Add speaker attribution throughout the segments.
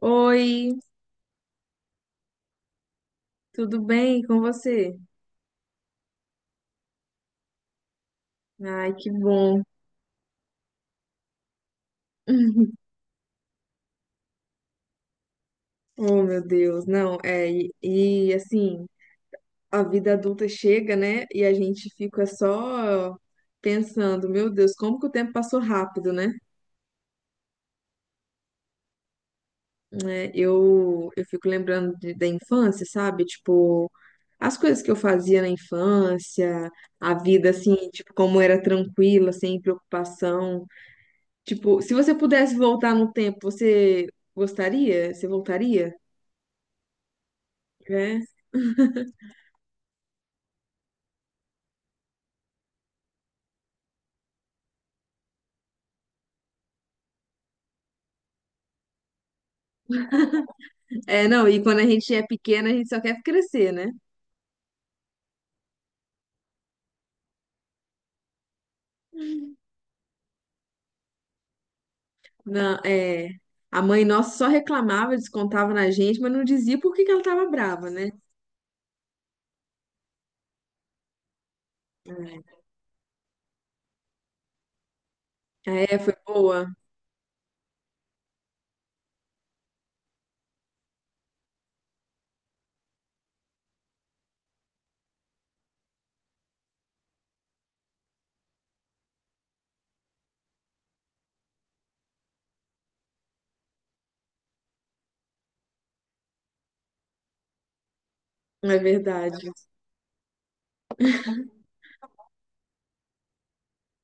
Speaker 1: Oi, tudo bem com você? Ai, que bom. Oh, meu Deus, não, é, e, assim, a vida adulta chega, né? E a gente fica só pensando, meu Deus, como que o tempo passou rápido, né? Né, eu fico lembrando da infância, sabe? Tipo, as coisas que eu fazia na infância, a vida, assim, tipo, como era tranquila, sem preocupação. Tipo, se você pudesse voltar no tempo, você gostaria? Você voltaria? É. É, não, e quando a gente é pequena, a gente só quer crescer, né? Não, é, a mãe nossa só reclamava, descontava na gente, mas não dizia por que que ela tava brava, né? É. É, foi boa. É verdade.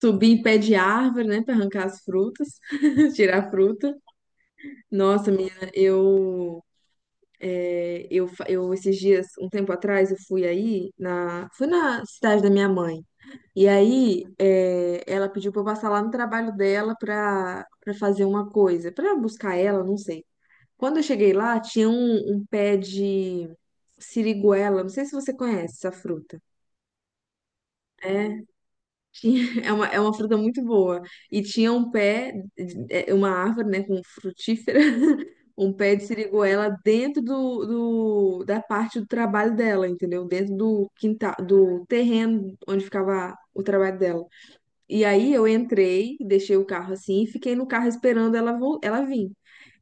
Speaker 1: Subir em pé de árvore, né, pra arrancar as frutas, tirar a fruta. Nossa, menina, eu, é, eu, fa- eu esses dias, um tempo atrás, eu fui aí na, fui na cidade da minha mãe. E aí, ela pediu para eu passar lá no trabalho dela para fazer uma coisa, para buscar ela, não sei. Quando eu cheguei lá, tinha um pé de siriguela, não sei se você conhece essa fruta. É, tinha, é uma fruta muito boa. E tinha um pé, é, uma árvore, né, com frutífera, um pé de siriguela dentro da parte do trabalho dela, entendeu? Dentro do quintal, do terreno onde ficava o trabalho dela. E aí eu entrei, deixei o carro assim e fiquei no carro esperando ela, ela vir.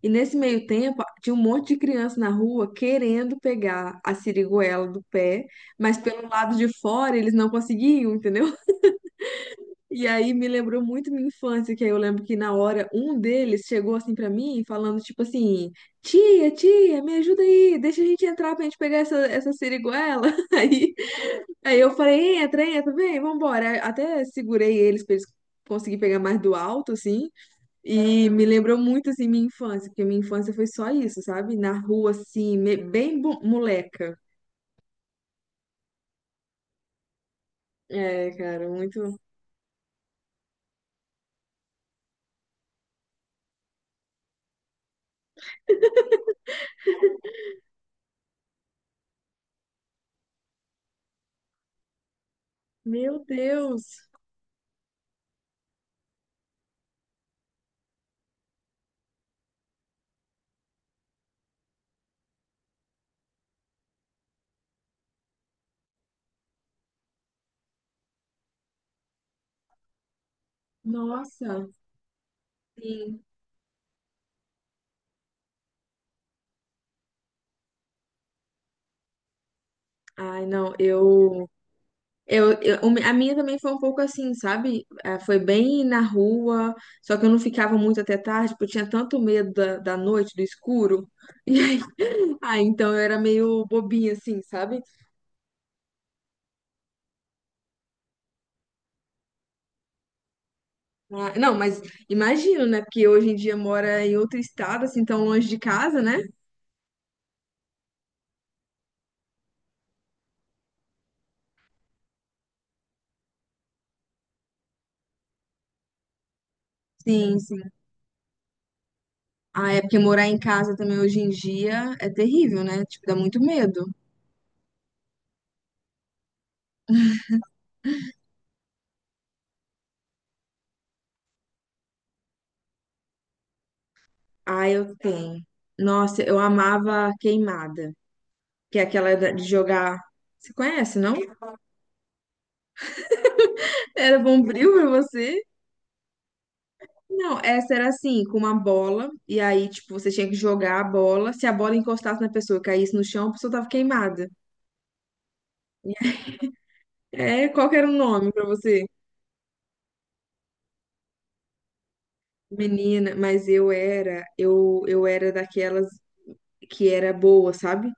Speaker 1: E nesse meio tempo, tinha um monte de criança na rua querendo pegar a siriguela do pé, mas pelo lado de fora eles não conseguiam, entendeu? E aí me lembrou muito minha infância, que aí eu lembro que na hora um deles chegou assim pra mim, falando tipo assim: Tia, tia, me ajuda aí, deixa a gente entrar pra gente pegar essa siriguela. Aí Aí eu falei, entra, entra, vem, vambora. Até segurei eles pra eles conseguirem pegar mais do alto, assim. E me lembrou muito, assim, minha infância, porque minha infância foi só isso, sabe? Na rua, assim, bem moleca. É, cara, muito. Meu Deus! Nossa! Sim. Ai, não, eu. A minha também foi um pouco assim, sabe? Ah, foi bem na rua, só que eu não ficava muito até tarde, porque eu tinha tanto medo da noite, do escuro. E aí, ah, então eu era meio bobinha, assim, sabe? Ah, não, mas imagino, né? Porque hoje em dia mora em outro estado, assim, tão longe de casa, né? Sim, sim. Ah, é porque morar em casa também hoje em dia é terrível, né? Tipo, dá muito medo. Ah, eu tenho. Nossa, eu amava queimada, que é aquela de jogar. Você conhece, não? Era bombril pra você? Não, essa era assim, com uma bola, e aí, tipo, você tinha que jogar a bola. Se a bola encostasse na pessoa, caísse no chão, a pessoa tava queimada. É, qual que era o nome pra você? Menina, mas eu era daquelas que era boa, sabe?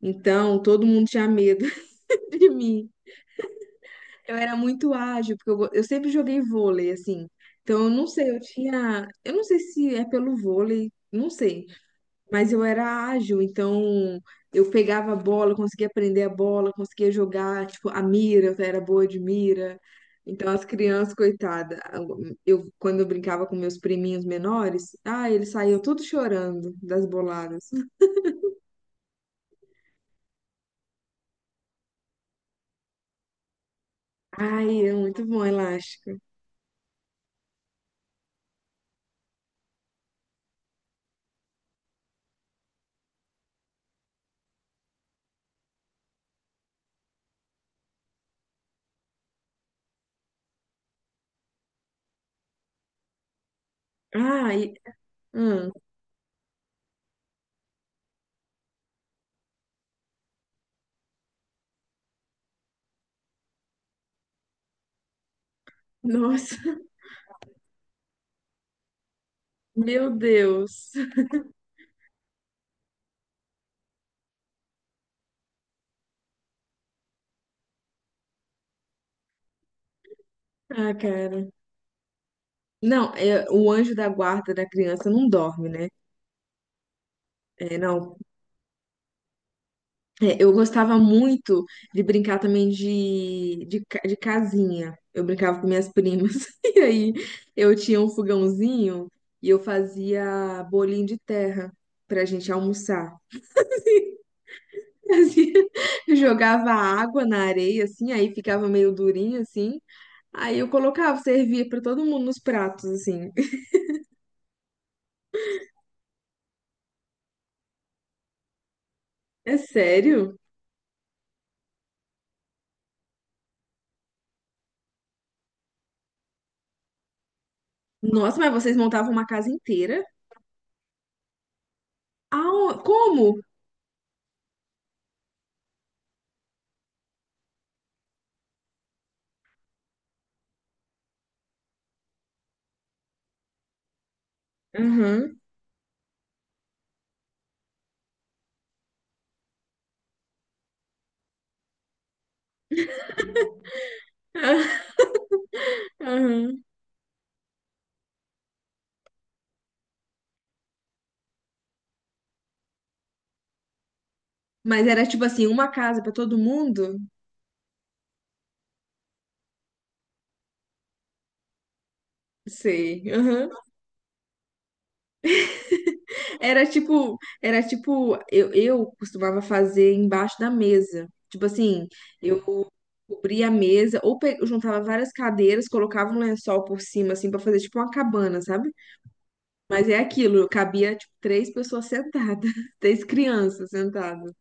Speaker 1: Então, todo mundo tinha medo de mim. Eu era muito ágil, porque eu sempre joguei vôlei, assim. Então, eu não sei, eu tinha, eu não sei se é pelo vôlei, não sei. Mas eu era ágil, então eu pegava a bola, conseguia prender a bola, conseguia jogar, tipo, a mira, eu era boa de mira. Então as crianças, coitada, eu quando eu brincava com meus priminhos menores, ah, eles saíam tudo chorando das boladas. Ai, é muito bom elástico. Ai, hum, nossa, meu Deus. Ah, cara. Não, é, o anjo da guarda da criança não dorme, né? É, não. É, eu gostava muito de brincar também de, de casinha. Eu brincava com minhas primas. E aí eu tinha um fogãozinho e eu fazia bolinho de terra pra gente almoçar. Fazia- jogava água na areia, assim, aí ficava meio durinho, assim. Aí eu colocava, servia pra todo mundo nos pratos, assim. É sério? Nossa, mas vocês montavam uma casa inteira? Ah, como? Aham. Mas era tipo assim, uma casa pra todo mundo? Sei. Aham. Era tipo, eu costumava fazer embaixo da mesa. Tipo assim, eu cobria a mesa ou eu juntava várias cadeiras, colocava um lençol por cima assim pra fazer tipo uma cabana, sabe? Mas é aquilo, cabia tipo três pessoas sentadas, três crianças sentadas.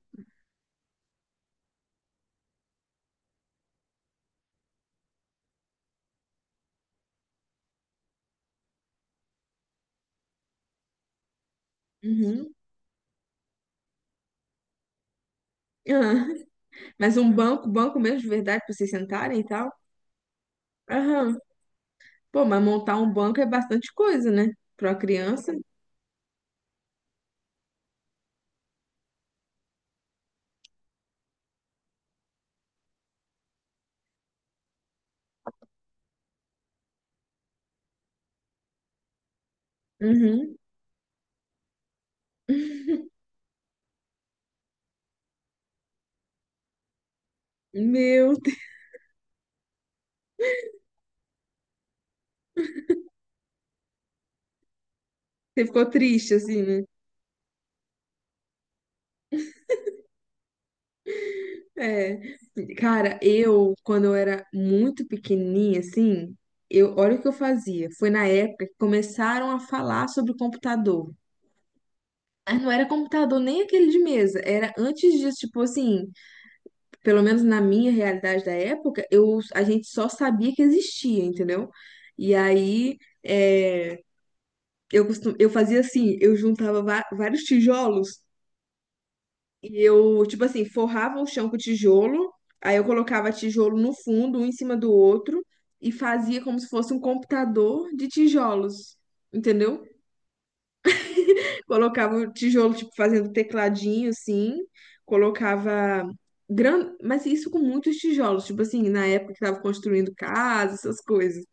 Speaker 1: Uhum. Aham. Mas um banco, banco mesmo de verdade pra vocês sentarem e tal? Aham. Pô, mas montar um banco é bastante coisa, né? Pra uma criança. Uhum. Meu Deus, você ficou triste, assim, né? É. Cara, eu, quando eu era muito pequenininha, assim, eu, olha o que eu fazia. Foi na época que começaram a falar sobre computador. Mas não era computador nem aquele de mesa. Era antes disso, tipo assim, pelo menos na minha realidade da época, a gente só sabia que existia, entendeu? E aí, é, eu fazia assim, eu juntava vários tijolos. E eu, tipo assim, forrava o chão com tijolo, aí eu colocava tijolo no fundo, um em cima do outro, e fazia como se fosse um computador de tijolos, entendeu? Colocava o tijolo, tipo, fazendo tecladinho, assim, colocava. Mas isso com muitos tijolos, tipo assim, na época que tava construindo casa, essas coisas.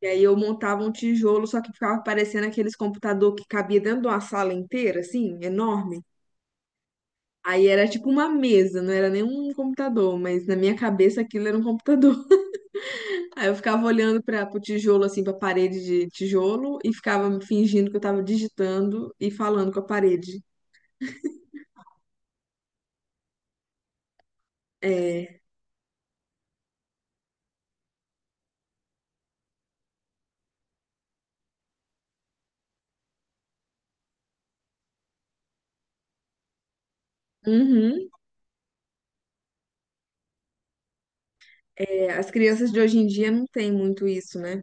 Speaker 1: E aí eu montava um tijolo, só que ficava parecendo aqueles computador que cabia dentro de uma sala inteira, assim, enorme. Aí era tipo uma mesa, não era nem um computador, mas na minha cabeça aquilo era um computador. Aí eu ficava olhando para o tijolo, assim, para a parede de tijolo e ficava fingindo que eu estava digitando e falando com a parede. É, uhum. É, as crianças de hoje em dia não têm muito isso, né?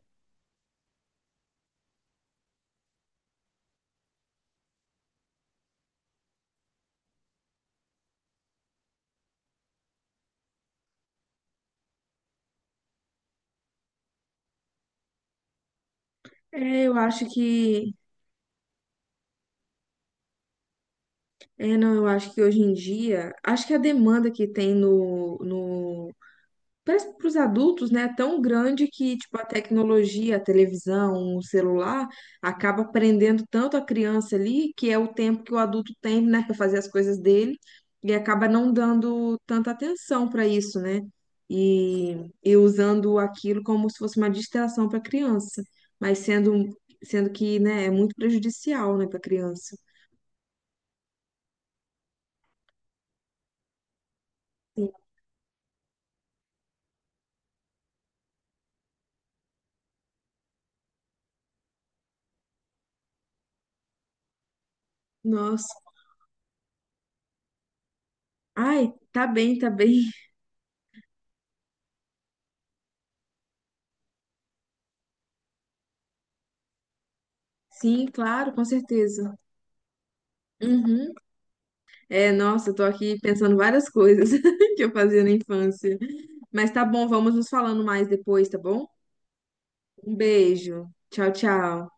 Speaker 1: É, eu acho que. É, não, eu acho que hoje em dia. Acho que a demanda que tem no, no para os adultos, né, é tão grande que tipo a tecnologia, a televisão, o celular acaba prendendo tanto a criança ali, que é o tempo que o adulto tem, né, para fazer as coisas dele e acaba não dando tanta atenção para isso, né? E, e usando aquilo como se fosse uma distração para a criança, mas sendo que, né, é muito prejudicial, né, para a criança. Sim. Nossa. Ai, tá bem, tá bem. Sim, claro, com certeza. Uhum. É, nossa, eu tô aqui pensando várias coisas que eu fazia na infância. Mas tá bom, vamos nos falando mais depois, tá bom? Um beijo. Tchau, tchau.